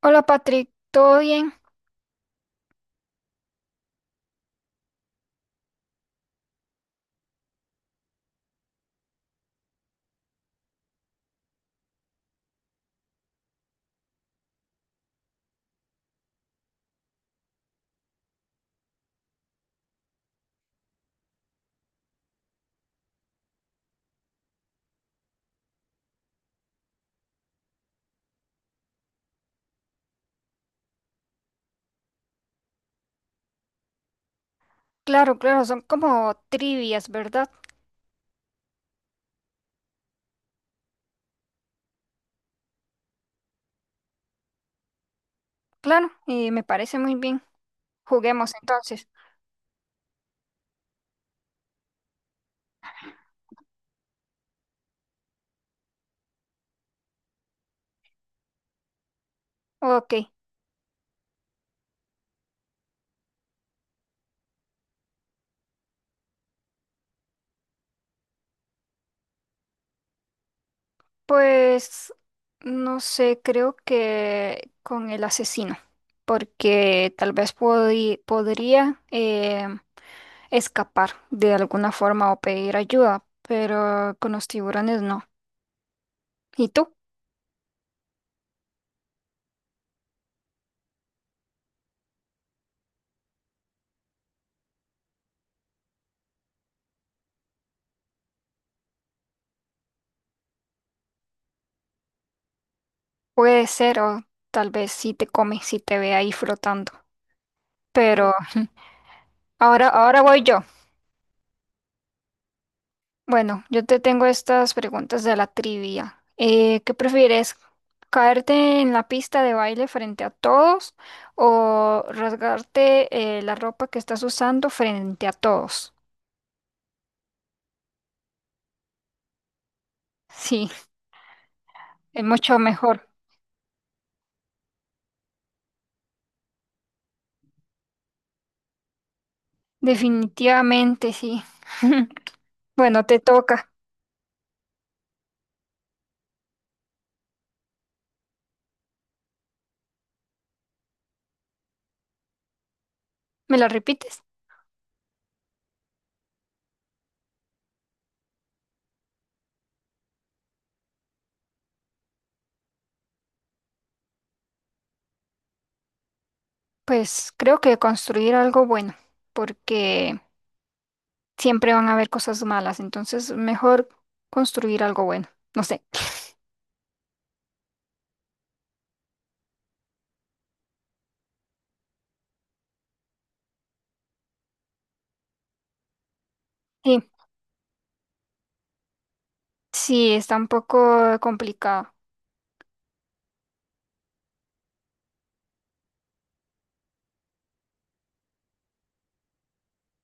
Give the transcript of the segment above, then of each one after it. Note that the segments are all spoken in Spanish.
Hola Patrick, ¿todo bien? Claro, claro, son como trivias, ¿verdad? Claro, me parece muy bien. Juguemos entonces. Ok, pues no sé, creo que con el asesino, porque tal vez podría escapar de alguna forma o pedir ayuda, pero con los tiburones no. ¿Y tú? Puede ser, o tal vez si te come, si te ve ahí flotando. Pero ahora voy yo. Bueno, yo te tengo estas preguntas de la trivia. ¿Qué prefieres? ¿Caerte en la pista de baile frente a todos o rasgarte la ropa que estás usando frente a todos? Sí, es mucho mejor. Definitivamente, sí. Bueno, te toca. ¿Me la repites? Pues creo que construir algo bueno, porque siempre van a haber cosas malas, entonces mejor construir algo bueno. No sé. Sí. Sí, está un poco complicado.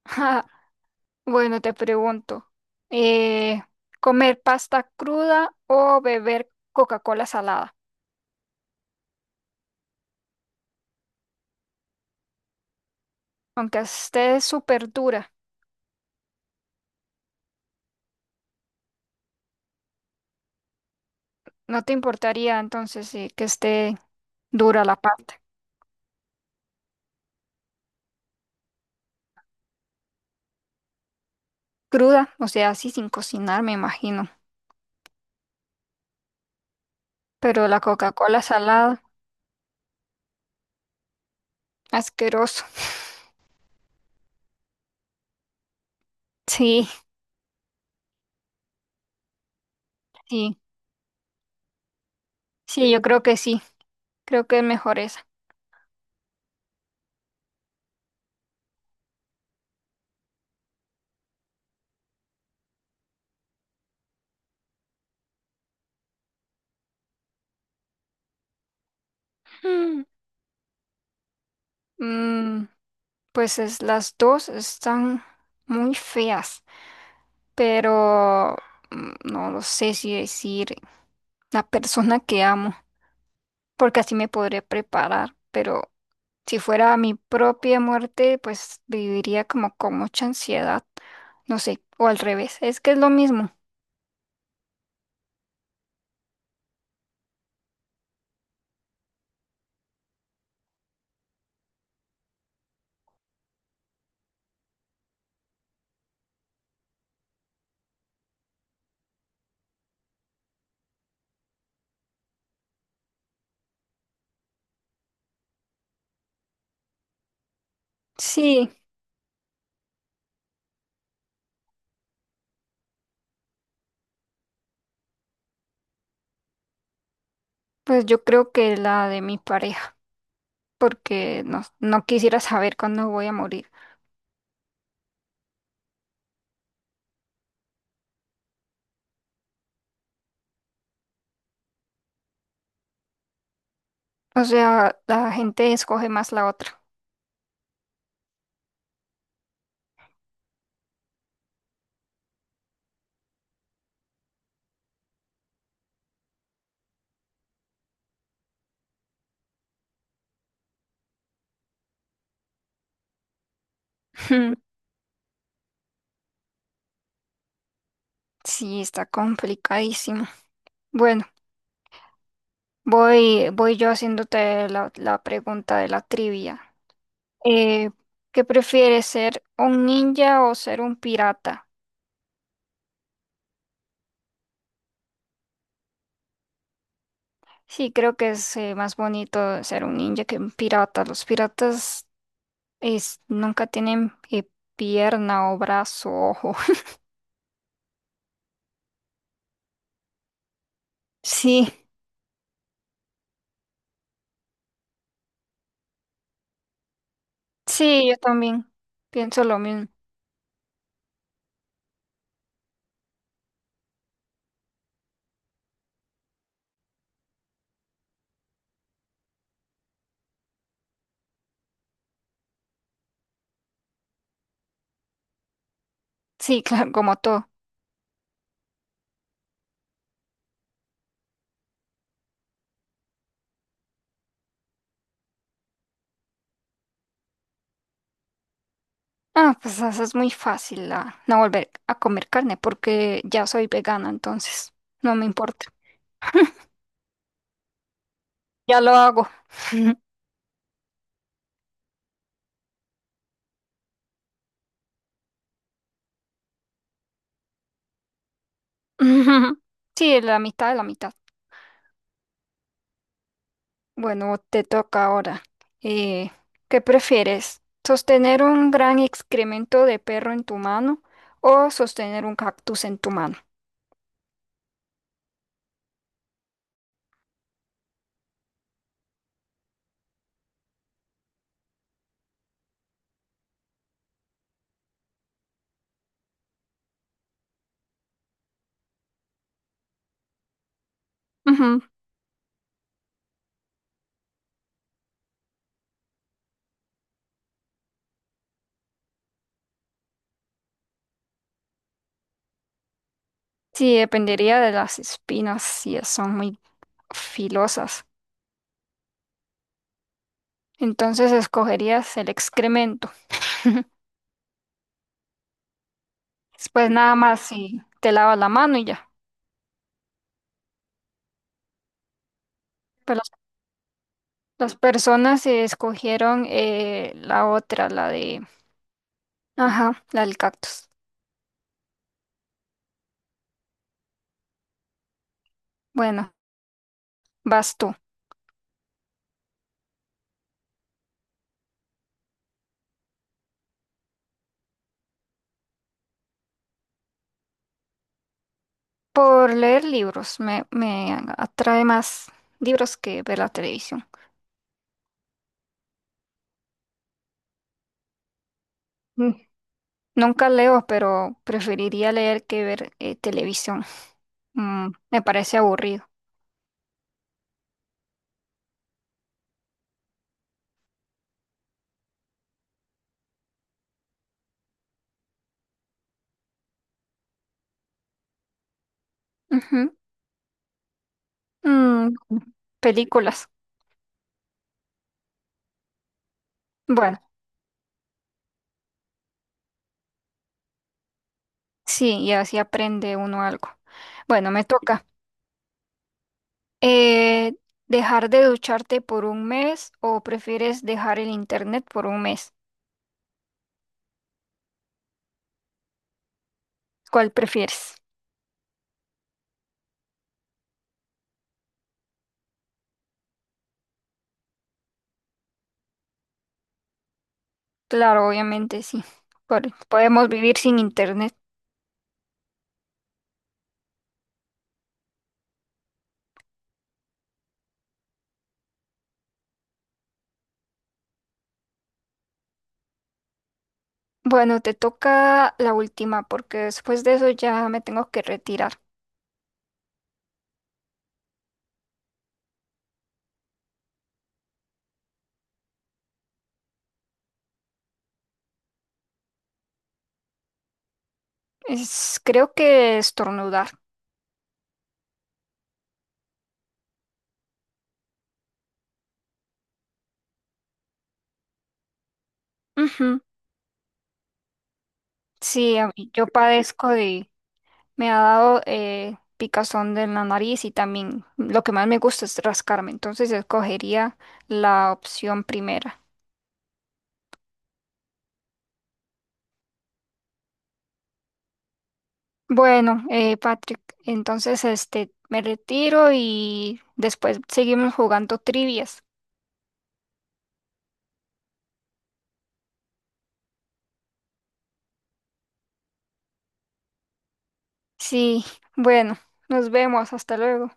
Bueno, te pregunto, eh, ¿comer pasta cruda o beber Coca-Cola salada? Aunque esté súper dura, ¿no te importaría entonces que esté dura la pasta? Cruda, o sea, así sin cocinar, me imagino. Pero la Coca-Cola salada, asqueroso. Sí, sí, sí, yo creo que sí. Creo que es mejor esa. Mm, mm, pues es, las dos están muy feas. Pero mm, no lo sé si decir la persona que amo, porque así me podré preparar, pero si fuera mi propia muerte, pues viviría como con mucha ansiedad, no sé, o al revés, es que es lo mismo. Sí, pues yo creo que la de mi pareja, porque no, no quisiera saber cuándo voy a morir. O sea, la gente escoge más la otra. Sí, está complicadísimo. Bueno. Voy yo haciéndote la, la pregunta de la trivia. Eh, ¿Qué prefieres ser un ninja o ser un pirata? Sí, creo que es más bonito ser un ninja que un pirata. Los piratas nunca tienen pierna o brazo, ojo. Sí, sí, yo también pienso lo mismo. Sí, claro, como tú. Ah, pues eso es muy fácil, no volver a comer carne porque ya soy vegana, entonces no me importa. Ya lo hago. Ujú. Sí, la mitad de la mitad. Bueno, te toca ahora. Eh, ¿Qué prefieres? ¿Sostener un gran excremento de perro en tu mano o sostener un cactus en tu mano? Ujú. Sí, dependería de las espinas, si es- son muy filosas. Entonces escogerías el excremento. Después nada más si te lavas la mano y ya. Pero las personas escogieron la otra, la de... Ajá, la del cactus. Bueno, vas tú. Por leer libros, me atrae más libros que ver la televisión. Mm, nunca leo, pero preferiría leer que ver televisión. Mm, me parece aburrido. Ujú. Mm, películas. Bueno, sí, y así aprende uno algo. Bueno, me toca. Eh, ¿Dejar de ducharte por un mes o prefieres dejar el internet por un mes? ¿Cuál prefieres? Claro, obviamente sí. Podemos vivir sin internet. Bueno, te toca la última porque después de eso ya me tengo que retirar. Es, creo que estornudar. Ujú. Sí, a mí- yo padezco de... Me ha dado picazón de la nariz y también lo que más me gusta es rascarme. Entonces escogería la opción primera. Bueno, Patrick, entonces este, me retiro y después seguimos jugando trivias. Sí, bueno, nos vemos. Hasta luego.